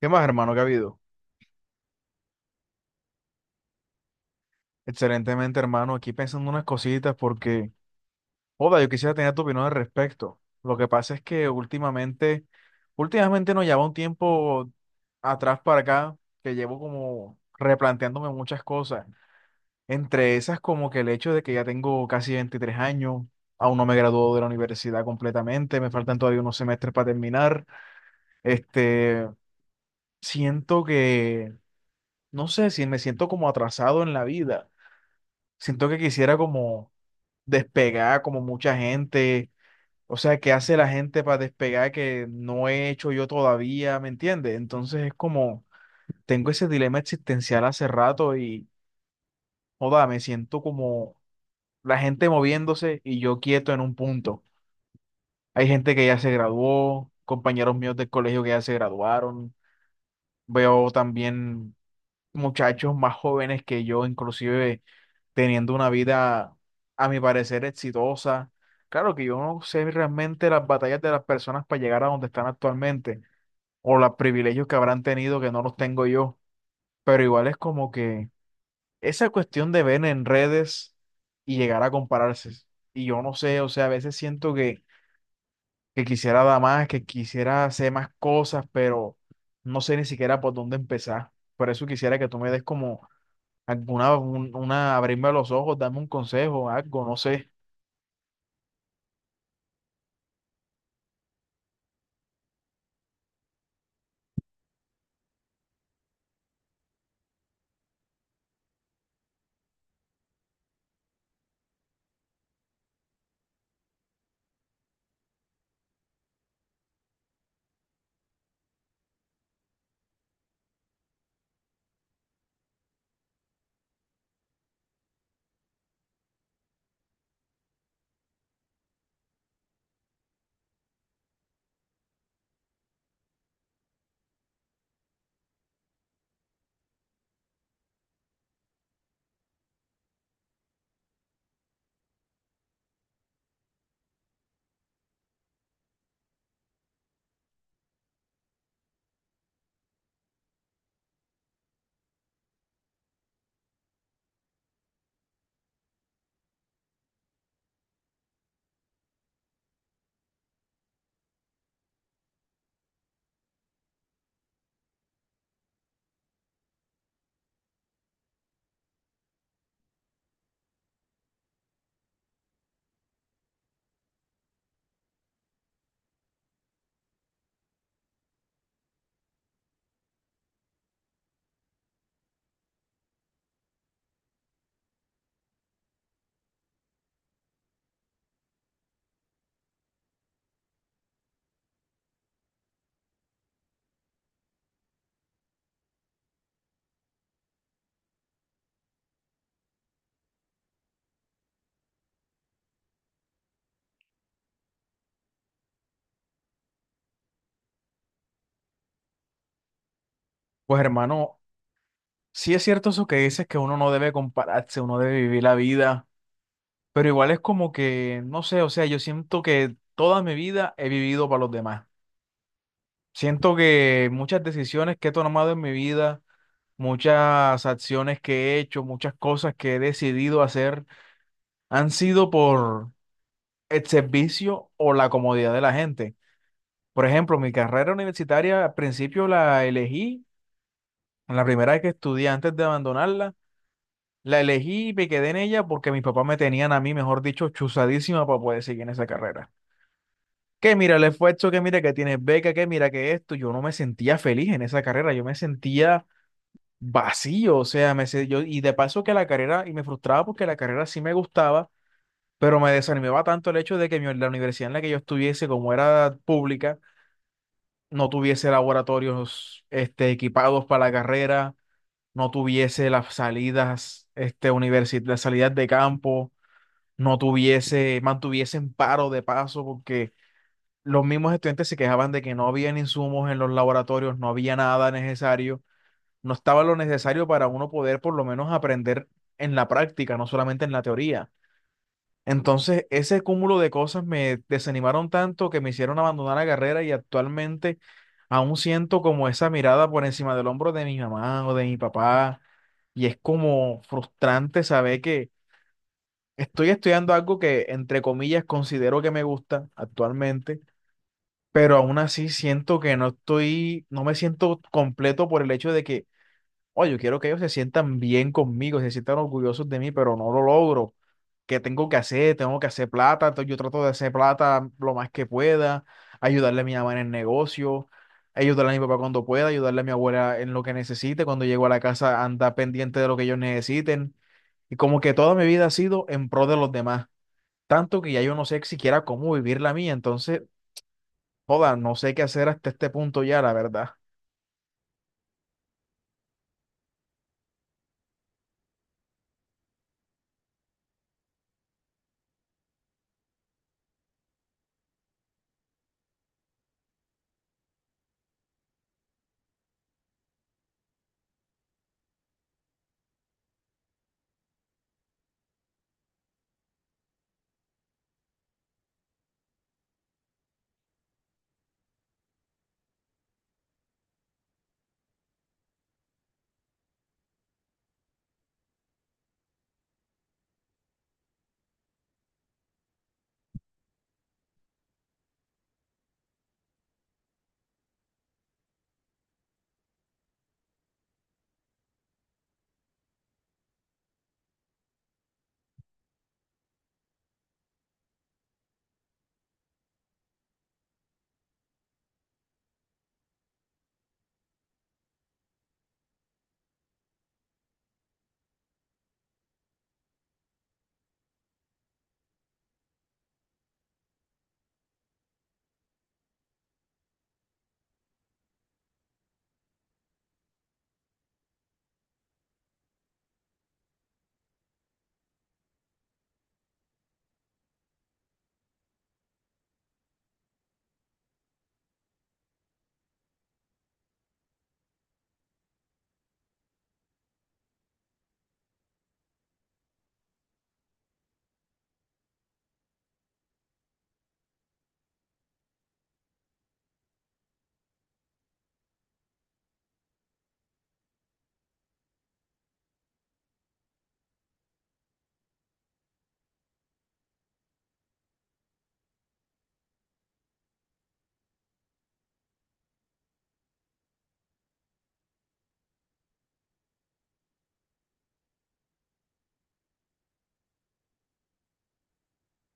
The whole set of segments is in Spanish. ¿Qué más, hermano? ¿Qué ha habido? Excelentemente, hermano. Aquí pensando unas cositas porque, joda, yo quisiera tener tu opinión al respecto. Lo que pasa es que últimamente, últimamente nos lleva un tiempo atrás para acá que llevo como replanteándome muchas cosas. Entre esas, como que el hecho de que ya tengo casi 23 años, aún no me graduó de la universidad completamente, me faltan todavía unos semestres para terminar. Este, Siento que, no sé, si me siento como atrasado en la vida. Siento que quisiera como despegar como mucha gente. O sea, ¿qué hace la gente para despegar que no he hecho yo todavía? ¿Me entiendes? Entonces es como, tengo ese dilema existencial hace rato y, joda, me siento como la gente moviéndose y yo quieto en un punto. Hay gente que ya se graduó, compañeros míos del colegio que ya se graduaron. Veo también muchachos más jóvenes que yo, inclusive teniendo una vida, a mi parecer, exitosa. Claro que yo no sé realmente las batallas de las personas para llegar a donde están actualmente o los privilegios que habrán tenido que no los tengo yo, pero igual es como que esa cuestión de ver en redes y llegar a compararse. Y yo no sé, o sea, a veces siento que quisiera dar más, que quisiera hacer más cosas, pero no sé ni siquiera por dónde empezar. Por eso quisiera que tú me des como alguna, una, abrirme los ojos, darme un consejo, algo, no sé. Pues hermano, sí es cierto eso que dices que uno no debe compararse, uno debe vivir la vida, pero igual es como que, no sé, o sea, yo siento que toda mi vida he vivido para los demás. Siento que muchas decisiones que he tomado en mi vida, muchas acciones que he hecho, muchas cosas que he decidido hacer, han sido por el servicio o la comodidad de la gente. Por ejemplo, mi carrera universitaria al principio la elegí, en la primera vez que estudié antes de abandonarla. La elegí y me quedé en ella porque mis papás me tenían a mí, mejor dicho, chuzadísima para poder seguir en esa carrera. Que mira el esfuerzo, que mira que tienes beca, que mira que esto. Yo no me sentía feliz en esa carrera, yo me sentía vacío, o sea, y de paso que la carrera, y me frustraba porque la carrera sí me gustaba, pero me desanimaba tanto el hecho de que la universidad en la que yo estuviese, como era pública, no tuviese laboratorios equipados para la carrera, no tuviese las salidas, las salidas de campo. No tuviese, mantuviesen paro de paso, porque los mismos estudiantes se quejaban de que no habían insumos en los laboratorios, no había nada necesario, no estaba lo necesario para uno poder por lo menos aprender en la práctica, no solamente en la teoría. Entonces, ese cúmulo de cosas me desanimaron tanto que me hicieron abandonar la carrera y actualmente aún siento como esa mirada por encima del hombro de mi mamá o de mi papá. Y es como frustrante saber que estoy estudiando algo que, entre comillas, considero que me gusta actualmente, pero aún así siento que no estoy, no me siento completo por el hecho de que, oye, yo quiero que ellos se sientan bien conmigo, se sientan orgullosos de mí, pero no lo logro. ¿Qué tengo que hacer? Tengo que hacer plata, entonces yo trato de hacer plata lo más que pueda, ayudarle a mi mamá en el negocio, ayudarle a mi papá cuando pueda, ayudarle a mi abuela en lo que necesite, cuando llego a la casa anda pendiente de lo que ellos necesiten. Y como que toda mi vida ha sido en pro de los demás tanto que ya yo no sé siquiera cómo vivir la mía, entonces, joda, no sé qué hacer hasta este punto ya, la verdad.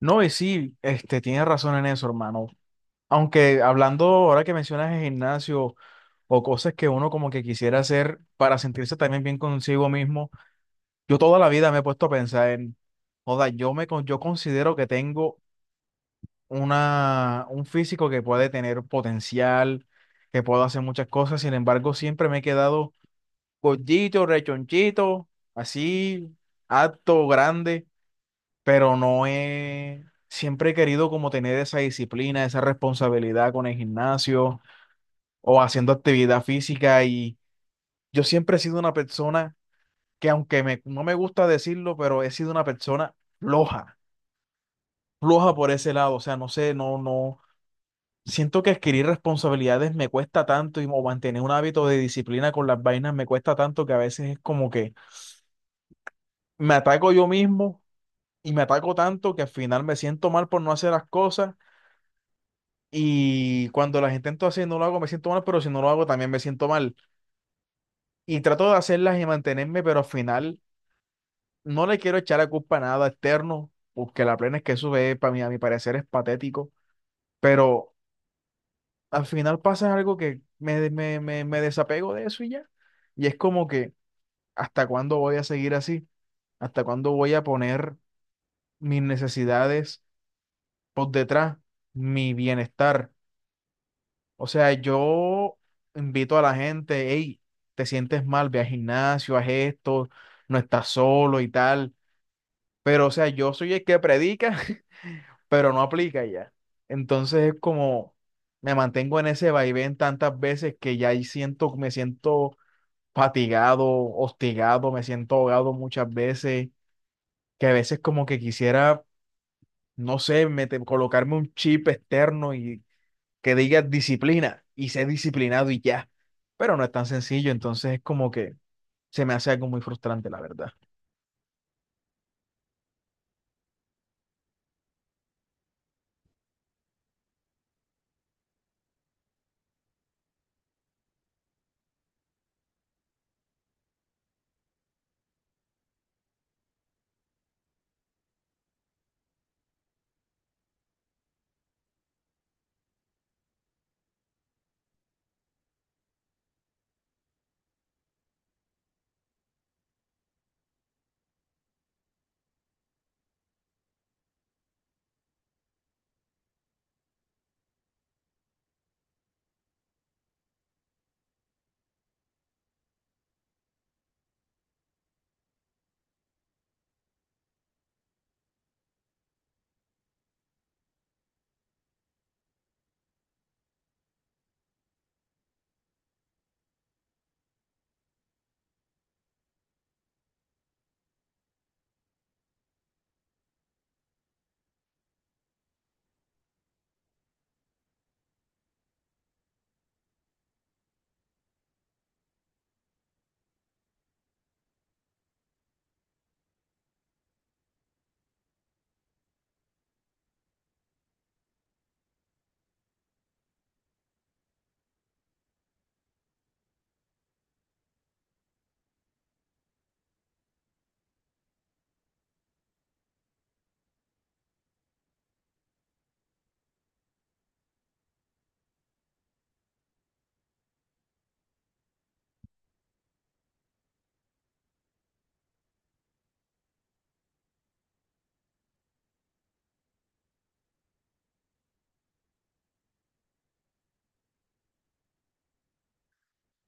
No, y sí, tienes razón en eso, hermano. Aunque hablando ahora que mencionas el gimnasio o cosas que uno como que quisiera hacer para sentirse también bien consigo mismo, yo toda la vida me he puesto a pensar en, joda, yo considero que tengo una un físico que puede tener potencial, que puedo hacer muchas cosas, sin embargo, siempre me he quedado gordito, rechonchito, así, alto, grande, pero no he, siempre he querido como tener esa disciplina, esa responsabilidad con el gimnasio o haciendo actividad física y yo siempre he sido una persona que aunque me, no me gusta decirlo, pero he sido una persona floja, floja por ese lado, o sea, no sé, no, no. Siento que adquirir responsabilidades me cuesta tanto y o mantener un hábito de disciplina con las vainas me cuesta tanto que a veces es como que me ataco yo mismo y me ataco tanto que al final me siento mal por no hacer las cosas y cuando las intento hacer y no lo hago me siento mal, pero si no lo hago también me siento mal. Y trato de hacerlas y mantenerme, pero al final no le quiero echar la culpa a nada externo, porque la plena es que eso es, para mí, a mi parecer es patético, pero al final pasa algo que me desapego de eso y ya. Y es como que, ¿hasta cuándo voy a seguir así? ¿Hasta cuándo voy a poner mis necesidades por detrás, mi bienestar? O sea, yo invito a la gente, hey, te sientes mal, ve al gimnasio, haz esto, no estás solo y tal. Pero, o sea, yo soy el que predica, pero no aplica ya. Entonces es como, me mantengo en ese vaivén tantas veces que ya ahí siento, me siento fatigado, hostigado, me siento ahogado muchas veces, que a veces como que quisiera, no sé, colocarme un chip externo y que diga disciplina y sé disciplinado y ya. Pero no es tan sencillo, entonces es como que se me hace algo muy frustrante, la verdad.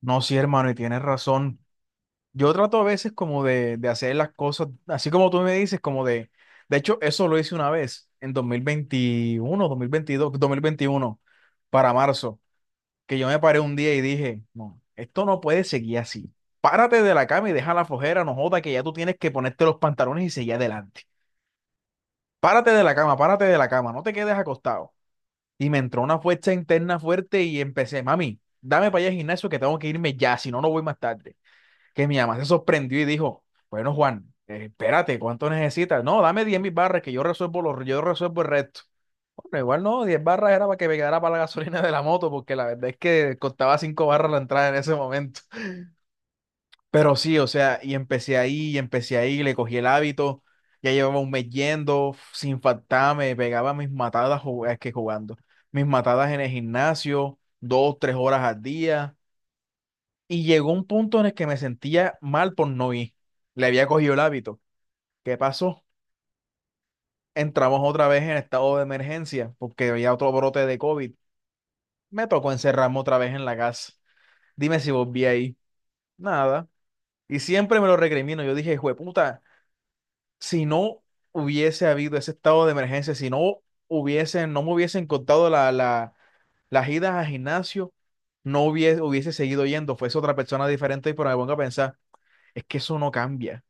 No, sí, hermano, y tienes razón. Yo trato a veces como de hacer las cosas, así como tú me dices, como de hecho, eso lo hice una vez en dos dos mil mil veintiuno dos mil veintidós 2021 para marzo, que yo me paré un día y dije, no, esto no puede seguir así. Párate de la cama y deja la flojera, no joda, que ya tú tienes que ponerte los pantalones y seguir adelante. Párate de la cama, párate de la cama, no te quedes acostado. Y me entró una fuerza interna fuerte y empecé, mami, dame para allá al gimnasio que tengo que irme ya, si no, no voy más tarde. Que mi mamá se sorprendió y dijo, bueno, Juan, espérate, ¿cuánto necesitas? No, dame 10.000 barras que yo resuelvo, los, yo resuelvo el resto. Bueno, igual no, 10 barras era para que me quedara para la gasolina de la moto, porque la verdad es que costaba 5 barras la entrada en ese momento. Pero sí, o sea, y empecé ahí, le cogí el hábito, ya llevaba un mes yendo, sin faltar, me pegaba mis matadas jug- es que jugando, mis matadas en el gimnasio, 2, 3 horas al día, y llegó un punto en el que me sentía mal por no ir, le había cogido el hábito. ¿Qué pasó? Entramos otra vez en estado de emergencia, porque había otro brote de COVID, me tocó encerrarme otra vez en la casa, dime si volví ahí, nada, y siempre me lo recrimino, yo dije, puta, si no hubiese habido ese estado de emergencia, si no hubiesen, no me hubiesen contado las idas al gimnasio, no hubiese, hubiese seguido yendo, fuese otra persona diferente, pero me pongo a pensar, es que eso no cambia.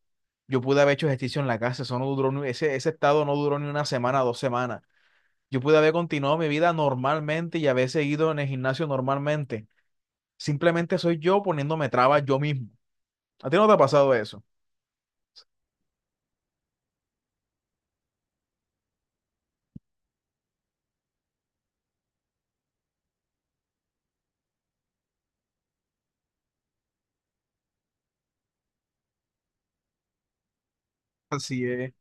Yo pude haber hecho ejercicio en la casa, eso no duró, ese estado no duró ni una semana, 2 semanas. Yo pude haber continuado mi vida normalmente y haber seguido en el gimnasio normalmente. Simplemente soy yo poniéndome trabas yo mismo. ¿A ti no te ha pasado eso? Así es.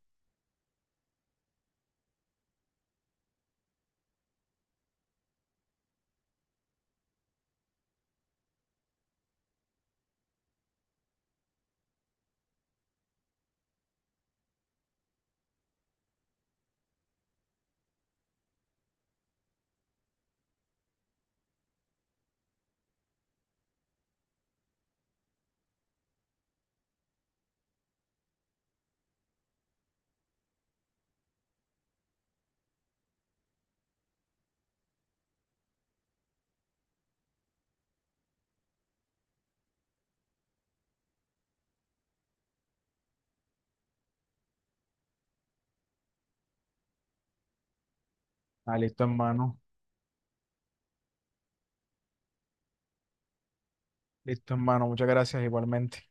Ah, listo, hermano. Listo, hermano. Muchas gracias igualmente.